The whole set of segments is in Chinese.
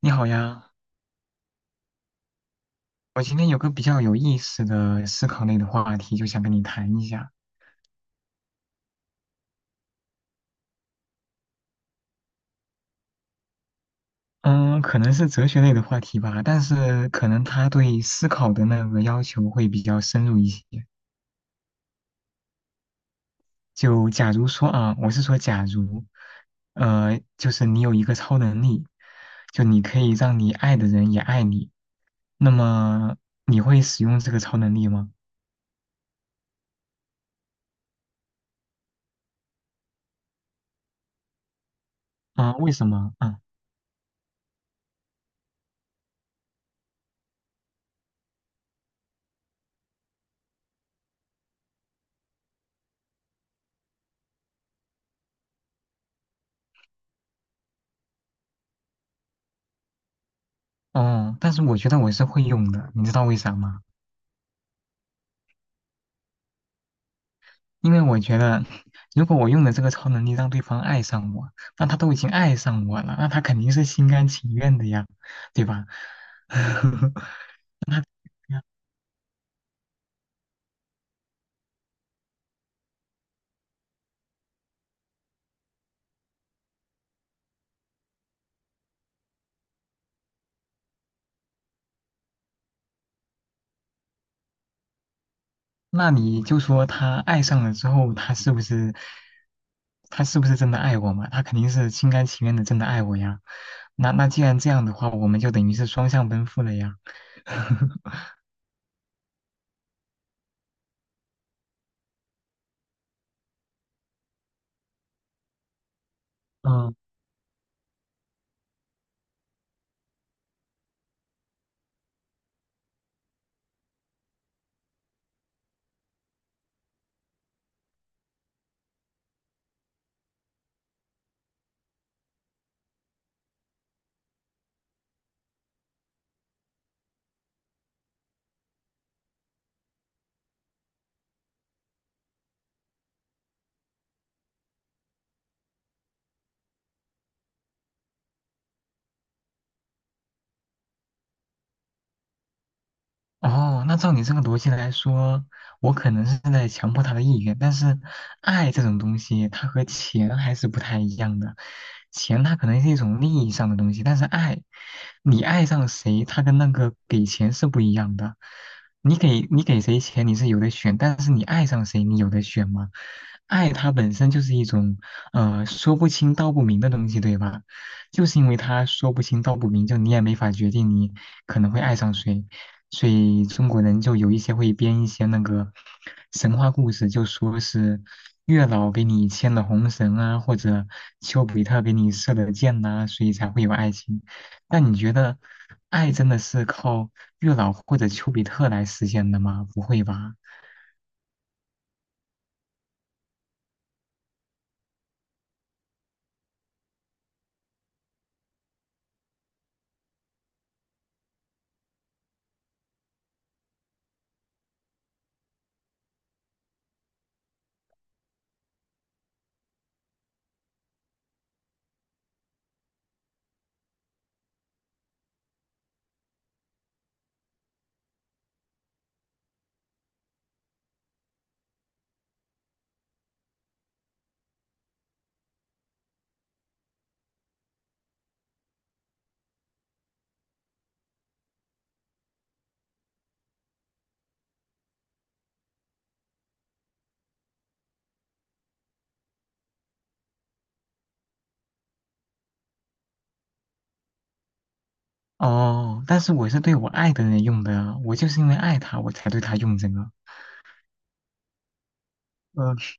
你好呀，我今天有个比较有意思的思考类的话题，就想跟你谈一下。嗯，可能是哲学类的话题吧，但是可能它对思考的那个要求会比较深入一些。就假如说啊，我是说假如，就是你有一个超能力，就你可以让你爱的人也爱你，那么你会使用这个超能力吗？啊，为什么？啊，哦，但是我觉得我是会用的，你知道为啥吗？因为我觉得，如果我用了这个超能力让对方爱上我，那他都已经爱上我了，那他肯定是心甘情愿的呀，对吧？那你就说他爱上了之后，他是不是真的爱我嘛？他肯定是心甘情愿的真的爱我呀。那既然这样的话，我们就等于是双向奔赴了呀。嗯。哦，那照你这个逻辑来说，我可能是在强迫他的意愿，但是爱这种东西，它和钱还是不太一样的。钱它可能是一种利益上的东西，但是爱，你爱上谁，它跟那个给钱是不一样的。你给谁钱，你是有的选，但是你爱上谁，你有的选吗？爱它本身就是一种，说不清道不明的东西，对吧？就是因为它说不清道不明，就你也没法决定你可能会爱上谁。所以中国人就有一些会编一些那个神话故事，就说是月老给你牵了红绳啊，或者丘比特给你射了箭呐、所以才会有爱情。但你觉得爱真的是靠月老或者丘比特来实现的吗？不会吧？哦，但是我是对我爱的人用的，啊，我就是因为爱他，我才对他用这个。嗯。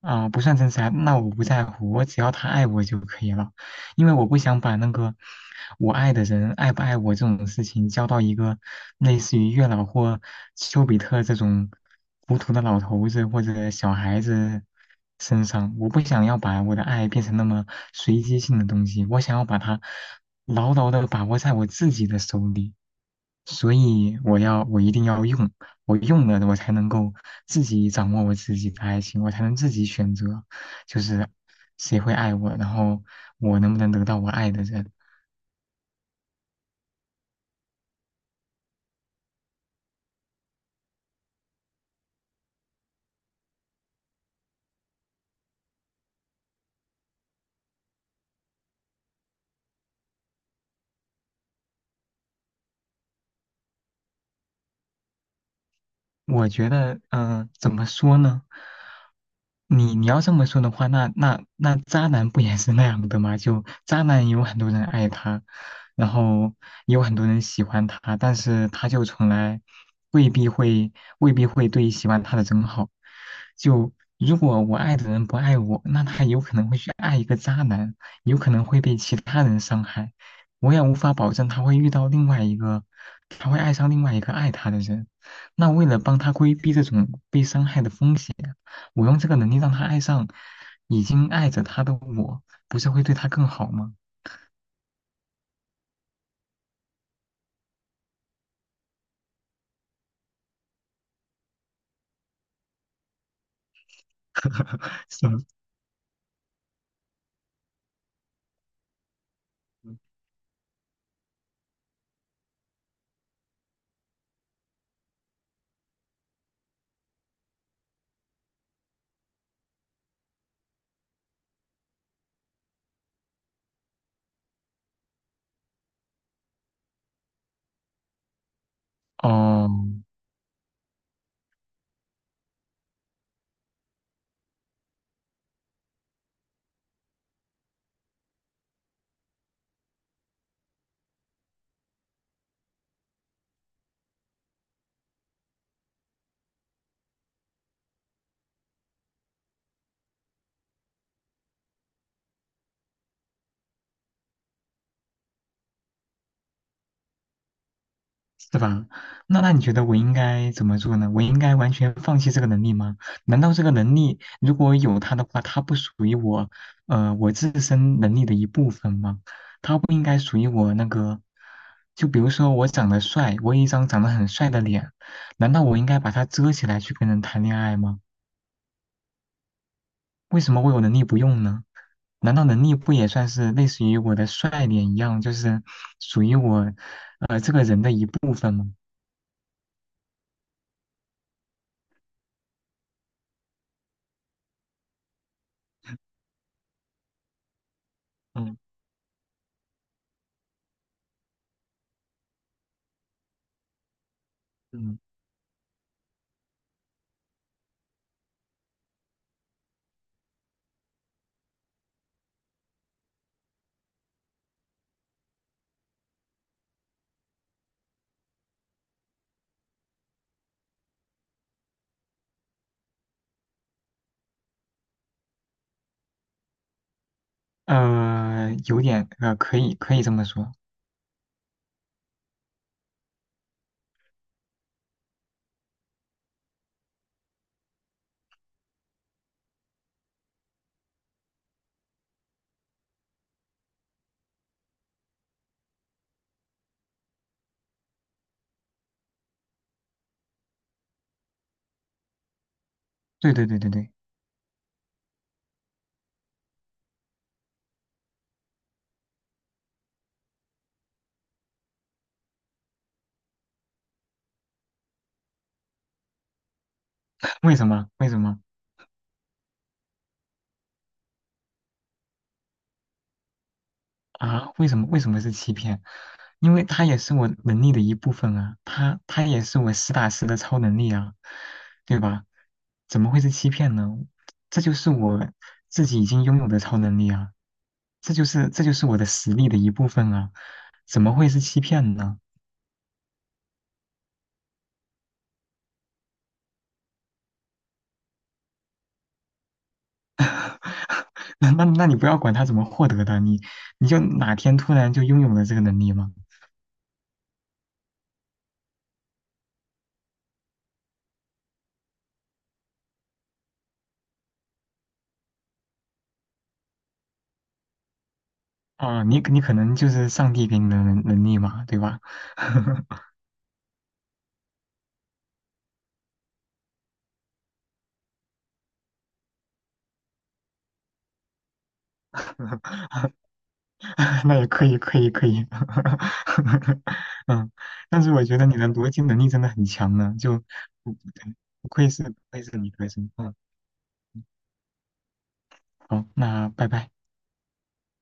啊、不算真实爱，那我不在乎，我只要他爱我就可以了，因为我不想把那个我爱的人爱不爱我这种事情交到一个类似于月老或丘比特这种糊涂的老头子或者小孩子身上。我不想要把我的爱变成那么随机性的东西，我想要把它牢牢的把握在我自己的手里，所以我一定要用。我用了，我才能够自己掌握我自己的爱情，我才能自己选择，就是谁会爱我，然后我能不能得到我爱的人。我觉得，嗯、怎么说呢？你你要这么说的话，那渣男不也是那样的吗？就渣男有很多人爱他，然后也有很多人喜欢他，但是他就从来未必会未必会对喜欢他的人好。就如果我爱的人不爱我，那他有可能会去爱一个渣男，有可能会被其他人伤害。我也无法保证他会遇到另外一个，他会爱上另外一个爱他的人。那为了帮他规避这种被伤害的风险，我用这个能力让他爱上已经爱着他的我，不是会对他更好吗？是吗？哦，是吧？那那你觉得我应该怎么做呢？我应该完全放弃这个能力吗？难道这个能力如果有它的话，它不属于我，我自身能力的一部分吗？它不应该属于我那个，就比如说我长得帅，我有一张长得很帅的脸，难道我应该把它遮起来去跟人谈恋爱吗？为什么我有能力不用呢？难道能力不也算是类似于我的帅脸一样，就是属于我，这个人的一部分吗？嗯。嗯。有点可以这么说。对对对对对，为什么？为什么啊？为什么是欺骗？因为它也是我能力的一部分啊，它也是我实打实的超能力啊，对吧？怎么会是欺骗呢？这就是我自己已经拥有的超能力啊，这就是我的实力的一部分啊，怎么会是欺骗呢？那你不要管他怎么获得的，你就哪天突然就拥有了这个能力吗？啊，你你可能就是上帝给你的能力嘛，对吧？那也可以，可以，可以。嗯，但是我觉得你的逻辑能力真的很强呢，就不不对不愧是理科生。嗯，好，那拜拜。